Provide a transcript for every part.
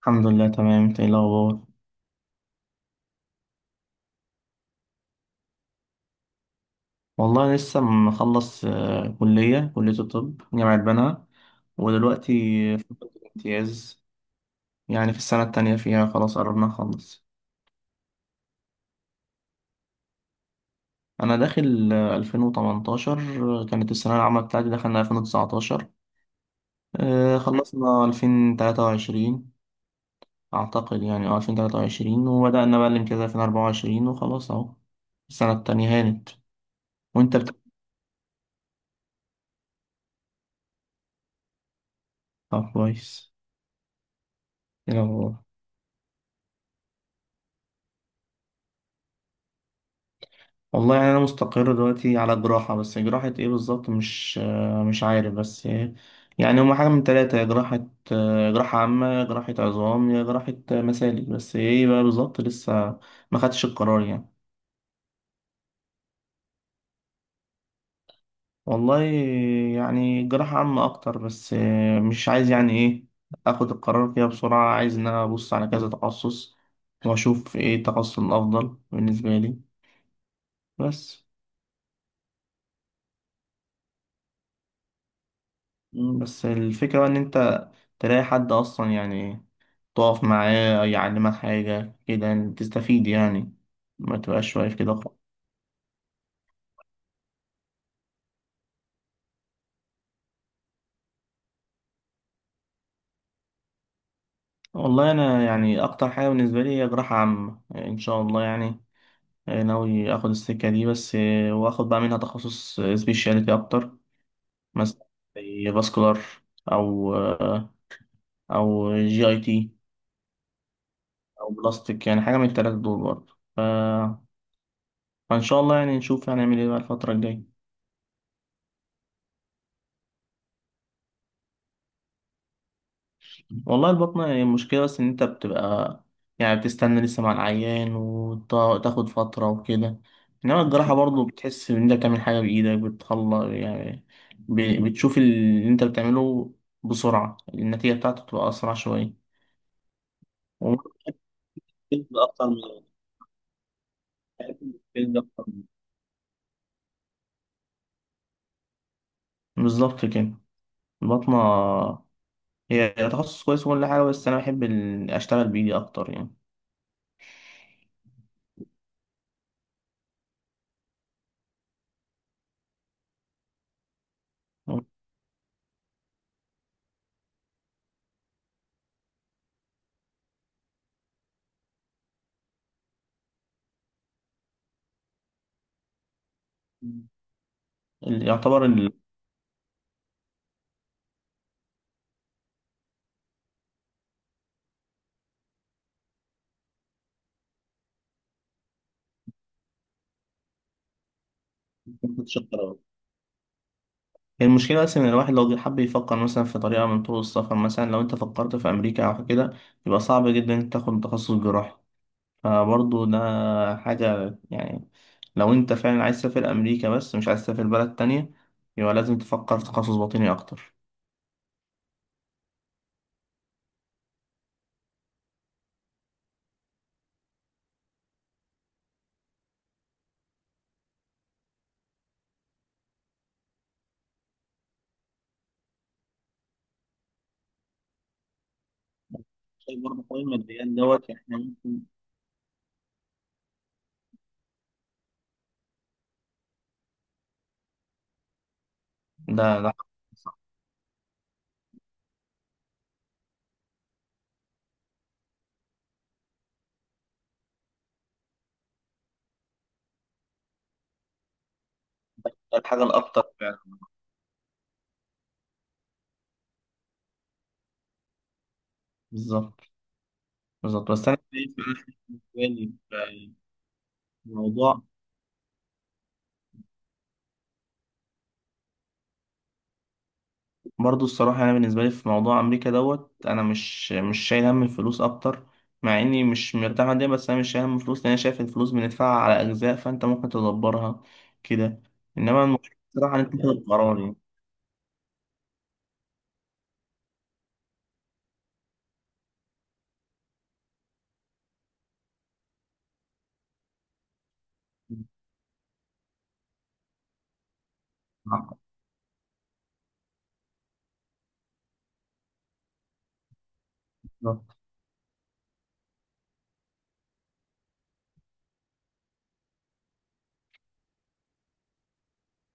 الحمد لله تمام، انت ايه الاخبار؟ والله لسه مخلص، كليه الطب، جامعه بنها. ودلوقتي في امتياز، يعني في السنه التانية فيها، خلاص قربنا نخلص. انا داخل 2018. كانت الثانويه العامه بتاعتي، دخلنا 2019. خلصنا 2023. اعتقد يعني 2023، وبدانا بقى الامتياز 2024 وخلاص اهو. السنه التانية هانت. وانت بتاع كويس، ايه الاخبار؟ والله يعني انا مستقر دلوقتي على جراحة، بس جراحة ايه بالظبط، مش عارف، بس يعني هما حاجة من تلاتة. يا جراحة جراحة عامة، يا جراحة عظام، يا جراحة مسالك. بس ايه بقى بالظبط، لسه ما خدتش القرار يعني. والله يعني جراحة عامة اكتر، بس مش عايز يعني ايه، اخد القرار فيها بسرعة. عايز ان انا ابص على كذا تخصص واشوف ايه التخصص الافضل بالنسبة لي. بس بس الفكرة بقى ان انت تلاقي حد أصلا، يعني تقف معاه يعلمك حاجة كده، يعني تستفيد يعني، ما تبقاش واقف كده خالص. والله أنا يعني أكتر حاجة بالنسبة لي هي جراحة عامة، يعني إن شاء الله يعني، ناوي آخد السكة دي، بس وآخد بقى منها تخصص سبيشاليتي أكتر. مثلا زي فاسكولار، أو آه، أو جي أي تي، أو بلاستيك. يعني حاجة من التلاتة دول برضه. فإن شاء الله يعني نشوف هنعمل إيه بقى الفترة الجاية. والله البطنة هي المشكلة، بس إن أنت بتبقى يعني بتستنى لسه مع العيان، وتاخد فترة وكده. إنما الجراحة برضه بتحس إن أنت بتعمل حاجة بإيدك، بتخلص يعني. بتشوف اللي أنت بتعمله بسرعة، النتيجة بتاعته بتبقى أسرع شوية. وممكن تبقى أكتر من الجلد، بالظبط كده. البطنة هي تخصص كويس وكل حاجة، بس أنا بحب أشتغل بإيدي أكتر يعني. يعتبر. ال المشكلة بس إن الواحد لو جه حب يفكر مثلا في طريقة من طرق السفر، مثلا لو أنت فكرت في أمريكا أو كده، يبقى صعب جدا إنك تاخد تخصص جراحي. فبرضه ده حاجة يعني. لو أنت فعلا عايز تسافر أمريكا، بس مش عايز تسافر بلد تانية، يبقى لازم تفكر في تخصص باطني أكتر. شايف برضه حوار الماديات إحنا ممكن. ده صح. ده الحاجة الأكتر فعلا. بالظبط بالظبط. بس أنا شايف إن إحنا في الموضوع برضه الصراحة. أنا بالنسبة لي في موضوع أمريكا، أنا مش شايل هم الفلوس أكتر. مع إني مش مرتاح ماديا، بس أنا مش شايل هم الفلوس، لأن أنا شايف الفلوس بندفعها على أجزاء، فأنت ممكن تدبرها كده. إنما المشكلة الصراحة إن أنت تاخد قرار يعني.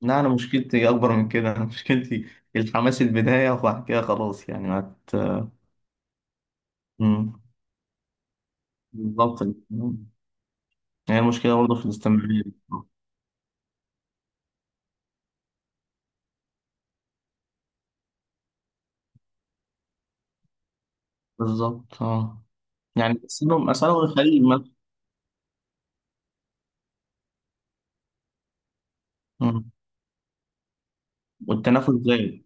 لا أنا مشكلتي أكبر من كده أنا مشكلتي الحماس البداية، وبعد كده خلاص يعني مم. بالظبط. هي المشكلة برضه في الاستمرارية دي. بالظبط. يعني أسألهم الخليج مثلا. مم. والتنافس زايد.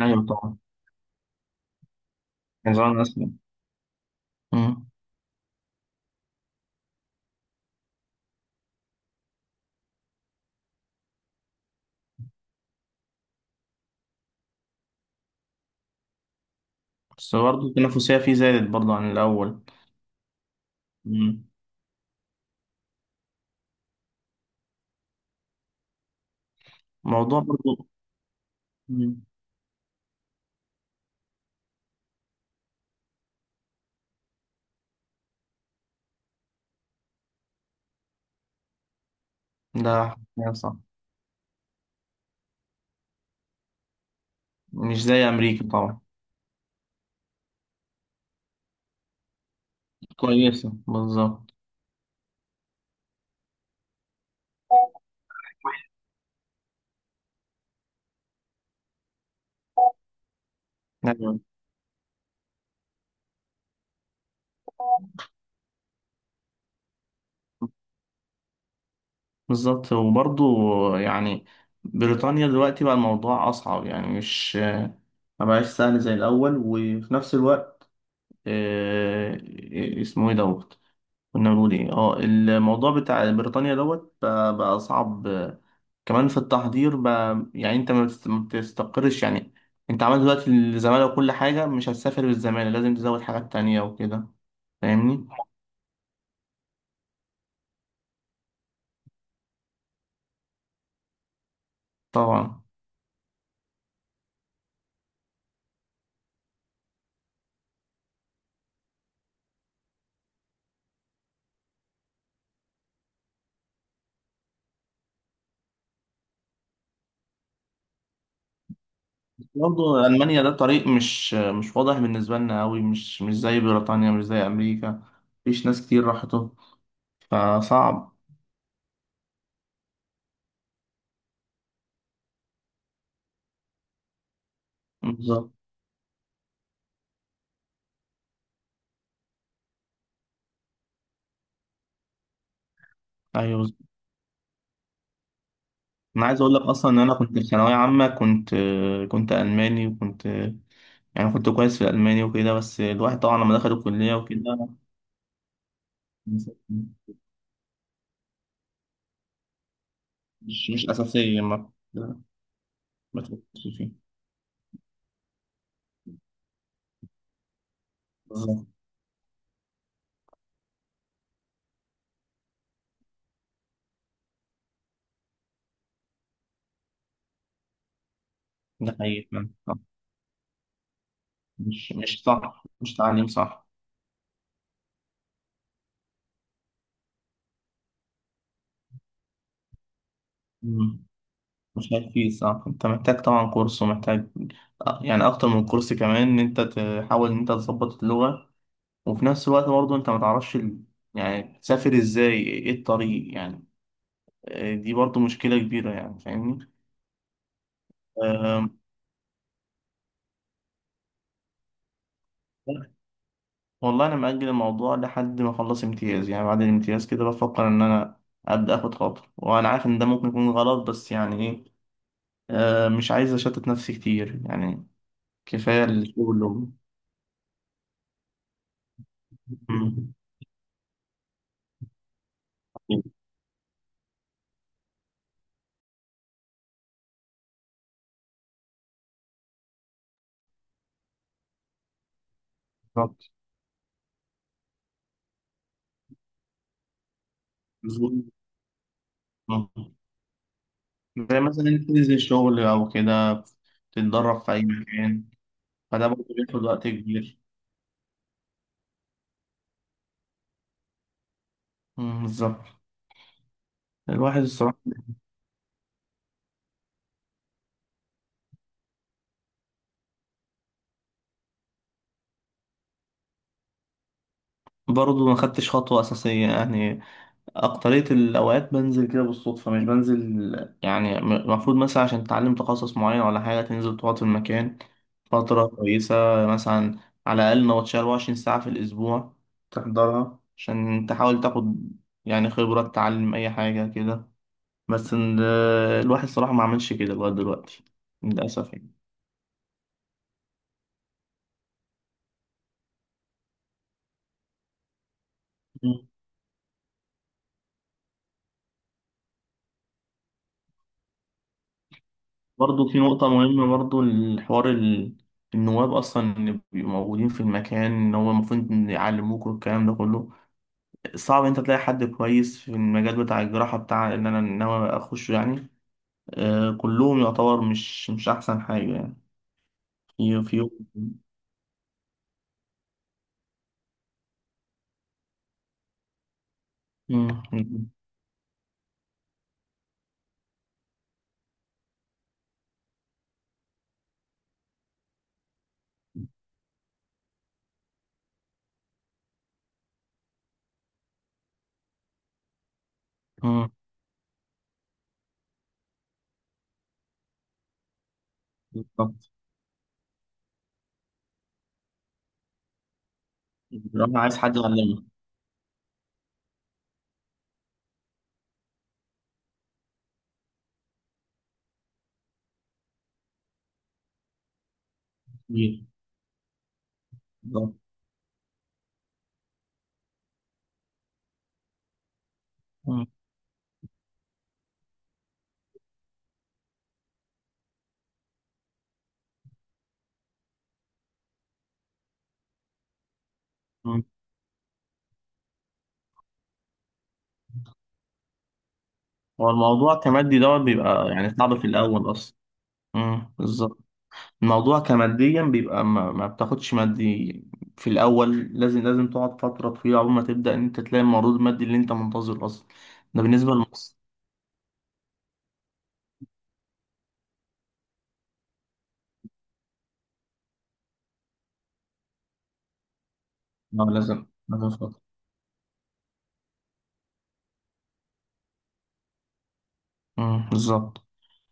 ايوه طبعا. كان زمان اسمع. مم. بس برضه التنافسية فيه زادت برضه عن الأول. مم. موضوع برضه. مم. ده حقيقة صح. مش زي أمريكا طبعا. كويسة بالظبط. أيوة بالظبط. وبرضه يعني بريطانيا دلوقتي بقى الموضوع أصعب، يعني مش، ما بقاش سهل زي الأول. وفي نفس الوقت آه، إيه، اسمه إيه دوت كنا بنقول إيه، الموضوع بتاع بريطانيا بقى صعب كمان في التحضير يعني انت ما بتستقرش يعني. انت عملت دلوقتي الزمالة وكل حاجة، مش هتسافر بالزمالة، لازم تزود حاجات تانية وكده، فاهمني طبعا. برضه ألمانيا ده طريق مش واضح بالنسبة لنا أوي، مش زي بريطانيا، مش زي أمريكا. مفيش ناس كتير راحته، فصعب. بالظبط. أيوه بالظبط. أنا عايز أقول لك أصلا إن أنا كنت في ثانوية عامة، كنت كنت ألماني، وكنت يعني كنت كويس في الألماني وكده. بس الواحد طبعا لما دخل الكلية وكده مش أساسية، ما تركزش فيه. بالظبط. ده حقيقي فعلا. صح. مش صح، مش تعليم صح. مم. مش هيفيد صح. أنت محتاج طبعا كورس، ومحتاج يعني أكتر من كورس كمان، إن أنت تحاول إن أنت تظبط اللغة. وفي نفس الوقت برضه أنت ما تعرفش يعني تسافر إزاي، إيه الطريق يعني. دي برضه مشكلة كبيرة، يعني فاهمني؟ والله انا مأجل الموضوع لحد ما اخلص امتياز، يعني بعد الامتياز كده بفكر ان انا ابدا اخد خطوه. وانا عارف ان ده ممكن يكون غلط، بس يعني ايه، مش عايز اشتت نفسي كتير يعني، كفايه الشغل مم. بالظبط بالظبط. مم. زي مثلا انت تنزل الشغل او كده، تتدرب في اي مكان، فده برضه بياخد وقت كبير. مم، بالظبط. الواحد الصراحه برضه ما خدتش خطوه اساسيه يعني. أكترية الأوقات بنزل كده بالصدفة، مش بنزل يعني، المفروض مثلا عشان تتعلم تخصص معين ولا حاجة، تنزل تقعد في المكان فترة كويسة. مثلا على الأقل نوتش 24 ساعة في الأسبوع تحضرها، عشان تحاول تاخد يعني خبرة، تتعلم أي حاجة كده. بس الواحد صراحة ما عملش كده لغاية دلوقتي، للأسف يعني. مم. برضه في نقطة مهمة، برضه الحوار النواب أصلا اللي بيبقوا موجودين في المكان، إن هو المفروض إن يعلموك والكلام ده كله. صعب انت تلاقي حد كويس في المجال بتاع الجراحة، بتاع اللي انا ناوي اخشه يعني. آه كلهم يعتبر مش احسن حاجة يعني. في مم. مم. بالظبط. الجراحة عايز حد يعلمك. كبير. بالظبط. مم. مم. هو الموضوع كمادي، بيبقى يعني صعب في الاول اصلا. مم. بالظبط. الموضوع كماديا بيبقى ما بتاخدش مادي في الاول. لازم تقعد فترة طويلة عقبال ما تبدأ ان انت تلاقي المردود المادي اللي انت منتظره اصلا. ده بالنسبة للمصري. اه لازم فترة. بالظبط.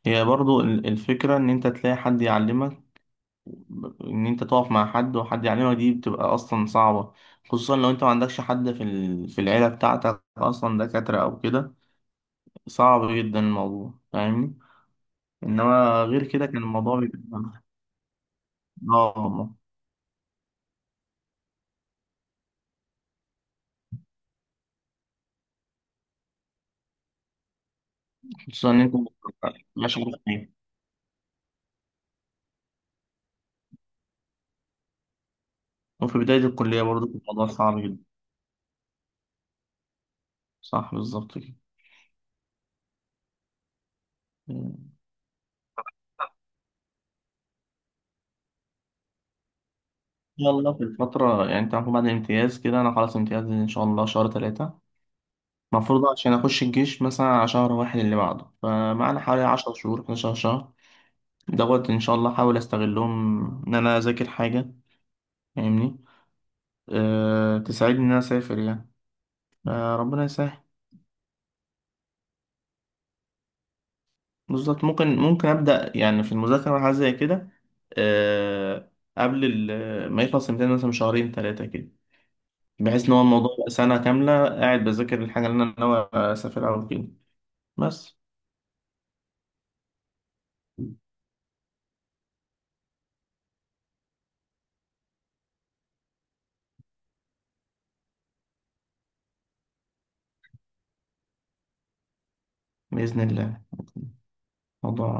هي برضو الفكرة إن أنت تلاقي حد يعلمك، إن أنت تقف مع حد، وحد يعلمك، دي بتبقى أصلا صعبة. خصوصا لو أنت ما عندكش حد في في العيلة بتاعتك أصلا دكاترة أو كده. صعب جدا الموضوع، فاهمني. إنما غير كده كان الموضوع بيبقى آه والله. خصوصا إن أنت مش عارف إيه. وفي بداية الكلية برضو كان الموضوع صعب جدا. صح بالظبط كده. مم. إن شاء الله في الفترة يعني، أنت المفروض بعد الامتياز كده، أنا خلاص امتياز إن شاء الله شهر 3. المفروض عشان أخش الجيش مثلا على شهر 1 اللي بعده، فمعنا حوالي 10 شهور، 11 شهر، إن شاء الله أحاول أستغلهم، إن أنا أذاكر حاجة، فاهمني. تساعدني إن أنا أسافر يعني، فربنا يسهل. بالظبط. ممكن أبدأ يعني في المذاكرة وحاجة زي كده. أه قبل ما يخلص الامتحان مثلا بشهرين ثلاثة كده، بحيث إن هو الموضوع يبقى سنة كاملة قاعد بذاكر الحاجة اللي أنا ناوي أسافر أو كده. بس بإذن الله موضوع